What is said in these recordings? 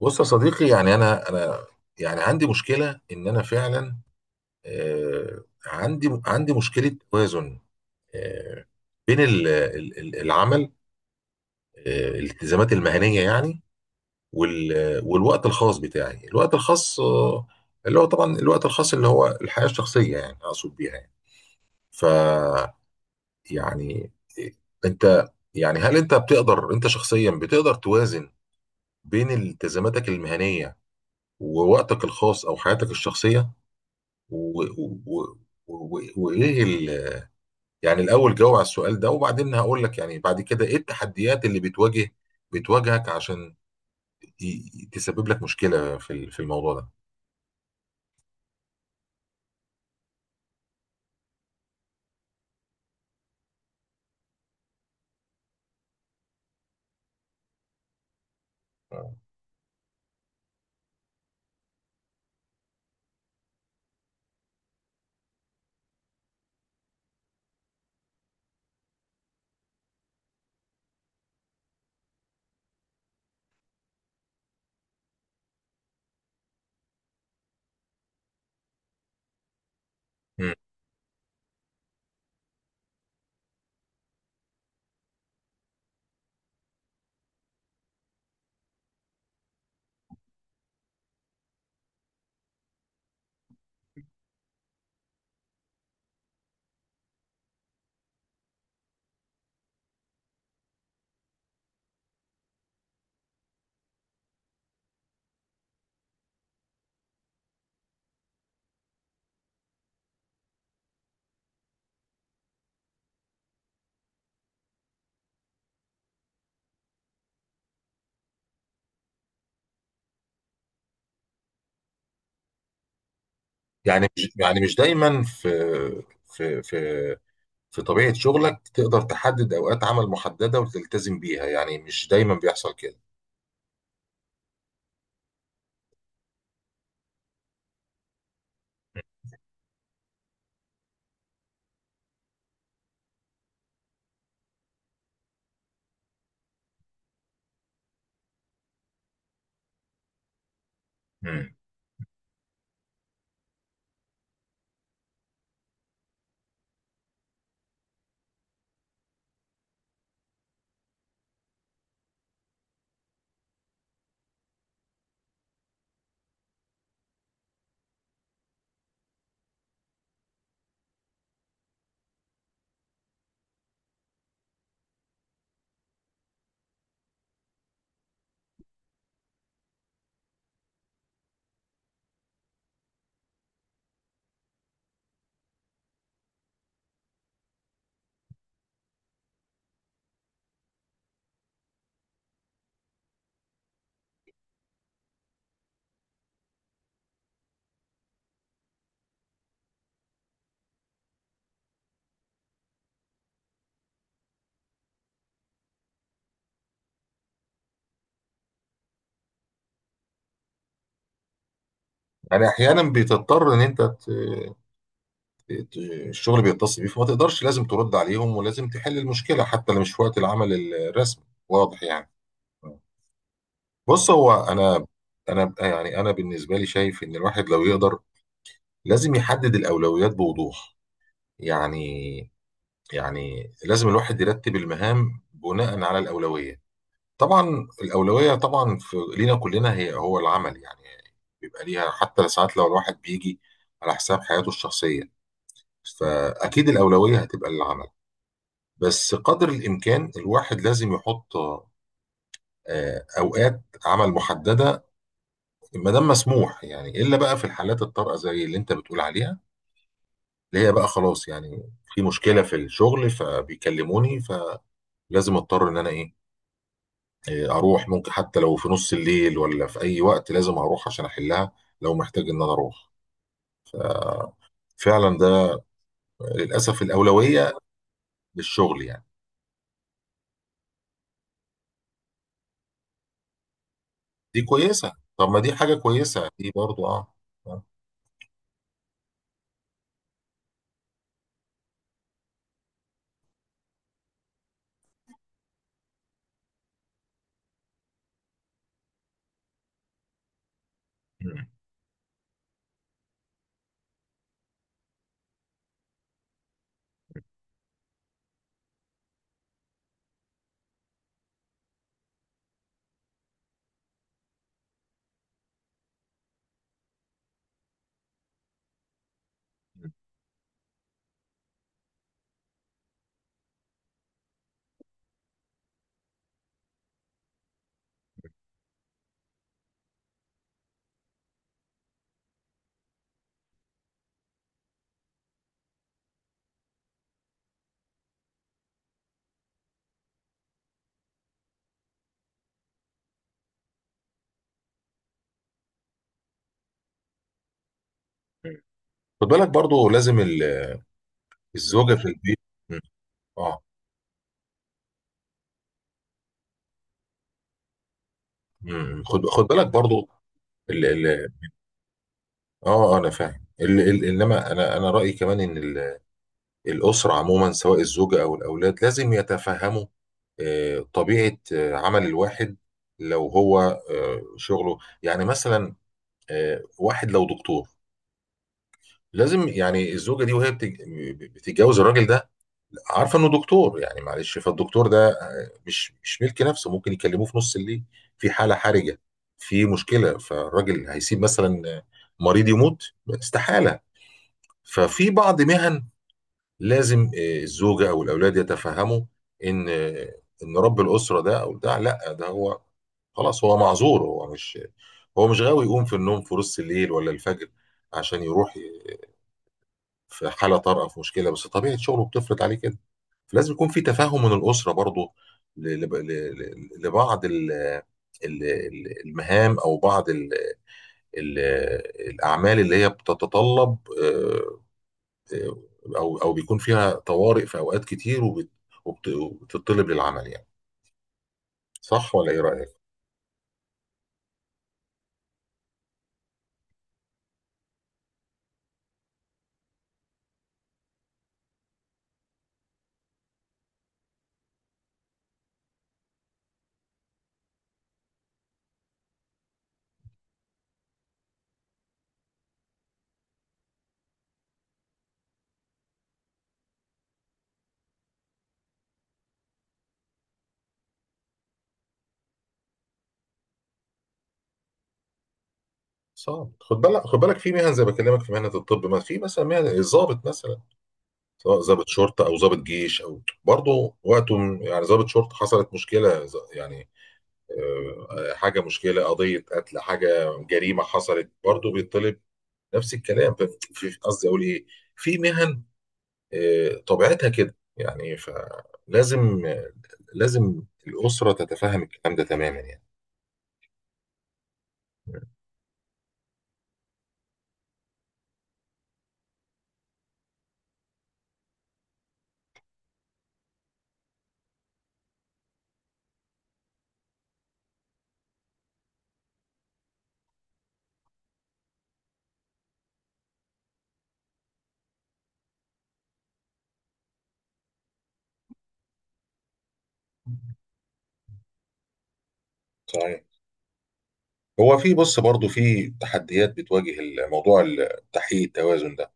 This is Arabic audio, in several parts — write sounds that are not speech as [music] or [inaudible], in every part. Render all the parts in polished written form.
بص يا صديقي، يعني انا يعني عندي مشكله ان انا فعلا عندي مشكله توازن آه، بين العمل، الالتزامات المهنيه، يعني والوقت الخاص بتاعي، الوقت الخاص، اللي هو طبعا الوقت الخاص اللي هو الحياه الشخصيه، يعني اقصد بيها يعني. ف، يعني، آه، انت، يعني هل انت بتقدر، انت شخصيا بتقدر توازن بين التزاماتك المهنيه ووقتك الخاص او حياتك الشخصيه و... و... و... و يعني الاول جاوب على السؤال ده، وبعدين هقول لك يعني بعد كده ايه التحديات اللي بتواجهك عشان تسبب لك مشكلة في في الموضوع ده. مم. يعني مش، يعني مش دايما في في في طبيعة شغلك تقدر تحدد أوقات عمل محددة وتلتزم بيها، يعني مش دايما بيحصل كده. مم. يعني أحيانا بتضطر إن أنت، الشغل بيتصل بيه فما تقدرش، لازم ترد عليهم ولازم تحل المشكله حتى لو مش في وقت العمل الرسمي، واضح يعني. بص، هو انا يعني انا بالنسبه لي شايف ان الواحد لو يقدر لازم يحدد الاولويات بوضوح. يعني، يعني لازم الواحد يرتب المهام بناء على الاولويه. طبعا الاولويه طبعا في لينا كلنا هو العمل يعني، بيبقى ليها حتى ساعات لو الواحد بيجي على حساب حياته الشخصيه، فاكيد الاولويه هتبقى للعمل. بس قدر الامكان الواحد لازم يحط اوقات عمل محدده ما دام مسموح، يعني الا بقى في الحالات الطارئه زي اللي انت بتقول عليها، اللي هي بقى خلاص يعني في مشكله في الشغل فبيكلموني، فلازم اضطر ان انا ايه، اروح. ممكن حتى لو في نص الليل ولا في اي وقت لازم اروح عشان احلها لو محتاج ان انا اروح فعلا، ده للاسف الاولويه للشغل يعني. دي كويسه، طب ما دي حاجه كويسه دي برضو. اه. آه. خد بالك برضو لازم ال الزوجه في البيت. مم. اه. مم. خد بالك برضو، ال ال اه، انا فاهم. ال ال انما انا رايي كمان ان الاسره عموما سواء الزوجه او الاولاد لازم يتفهموا طبيعه عمل الواحد لو هو شغله يعني. مثلا واحد لو دكتور لازم يعني الزوجه دي وهي بتتجوز الراجل ده عارفه انه دكتور، يعني معلش، فالدكتور ده مش ملك نفسه، ممكن يكلموه في نص الليل في حاله حرجه، في مشكله، فالراجل هيسيب مثلا مريض يموت؟ استحاله. ففي بعض مهن لازم الزوجه او الاولاد يتفهموا ان ان رب الاسره ده، او ده لا ده هو خلاص هو معذور، هو مش، هو مش غاوي يقوم في النوم في نص الليل ولا الفجر عشان يروح في حاله طارئه في مشكله، بس طبيعه شغله بتفرض عليه كده. فلازم يكون في تفاهم من الاسره برضه لبعض المهام او بعض ال- الاعمال اللي هي بتتطلب، آه، آه، او او بيكون فيها طوارئ في اوقات كتير وبتطلب للعمل يعني. صح ولا ايه رايك؟ صعب. خد بالك، في مهن زي ما بكلمك، في مهنه الطب، ما في مثلا مهن الضابط مثلا، سواء ضابط شرطه او ضابط جيش او برضه وقته يعني ضابط شرطه حصلت مشكله يعني حاجه مشكله قضيه قتل حاجه جريمه حصلت برضه بيطلب نفس الكلام. في، قصدي اقول ايه، في مهن طبيعتها كده يعني، فلازم، لازم الاسره تتفهم الكلام ده تماما يعني. صحيح. هو في، بص برضه في تحديات بتواجه الموضوع، تحقيق التوازن ده،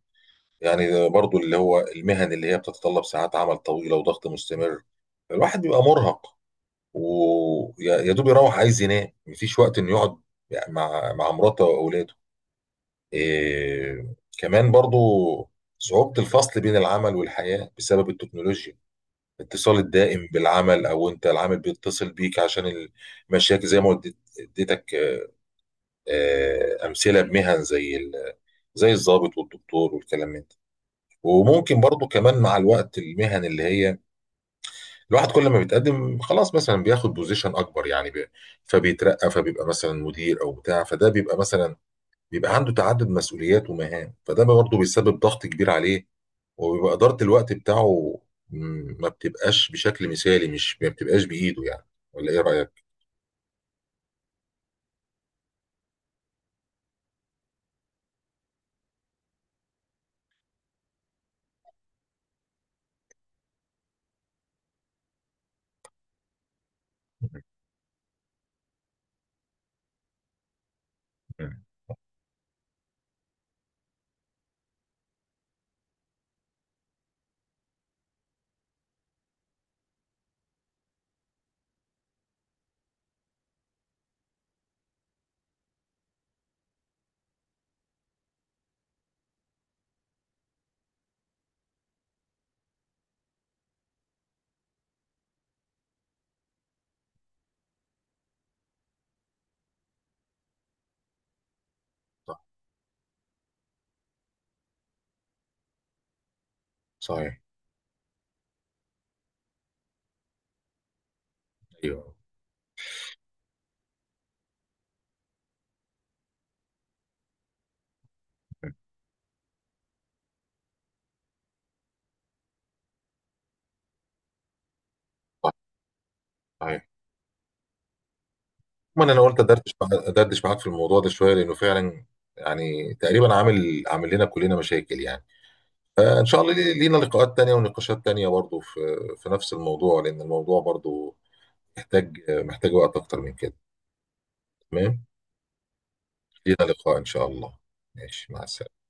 يعني برضه اللي هو المهن اللي هي بتتطلب ساعات عمل طويله وضغط مستمر، الواحد بيبقى مرهق ويا دوب يروح عايز ينام، مفيش وقت انه يقعد يعني مع مراته واولاده. إيه كمان برضو، صعوبة الفصل بين العمل والحياة بسبب التكنولوجيا، الاتصال الدائم بالعمل او انت العمل بيتصل بيك عشان المشاكل زي ما اديتك امثلة بمهن زي زي الضابط والدكتور والكلام من ده. وممكن برضو كمان مع الوقت المهن اللي هي الواحد كل ما بيتقدم خلاص مثلا بياخد بوزيشن اكبر، يعني فبيترقى فبيبقى مثلا مدير او بتاع، فده بيبقى مثلا، بيبقى عنده تعدد مسؤوليات ومهام، فده برضه بيسبب ضغط كبير عليه، وبيبقى اداره الوقت بتاعه م، ما بتبقاش بشكل مثالي، مش ما بتبقاش بايده يعني. ولا ايه رايك؟ [laughs] مم. صح. صحيح. ايوه. صح. صحيح. عموما انا قلت ادردش ادردش معاك في الموضوع ده شويه لانه فعلا يعني تقريبا عامل لنا كلنا مشاكل يعني. فإن شاء الله لينا لقاءات تانية ونقاشات تانية برضو في، في نفس الموضوع، لأن الموضوع برضو محتاج، وقت أكتر من كده. تمام، لينا لقاء إن شاء الله. ماشي، مع السلامة.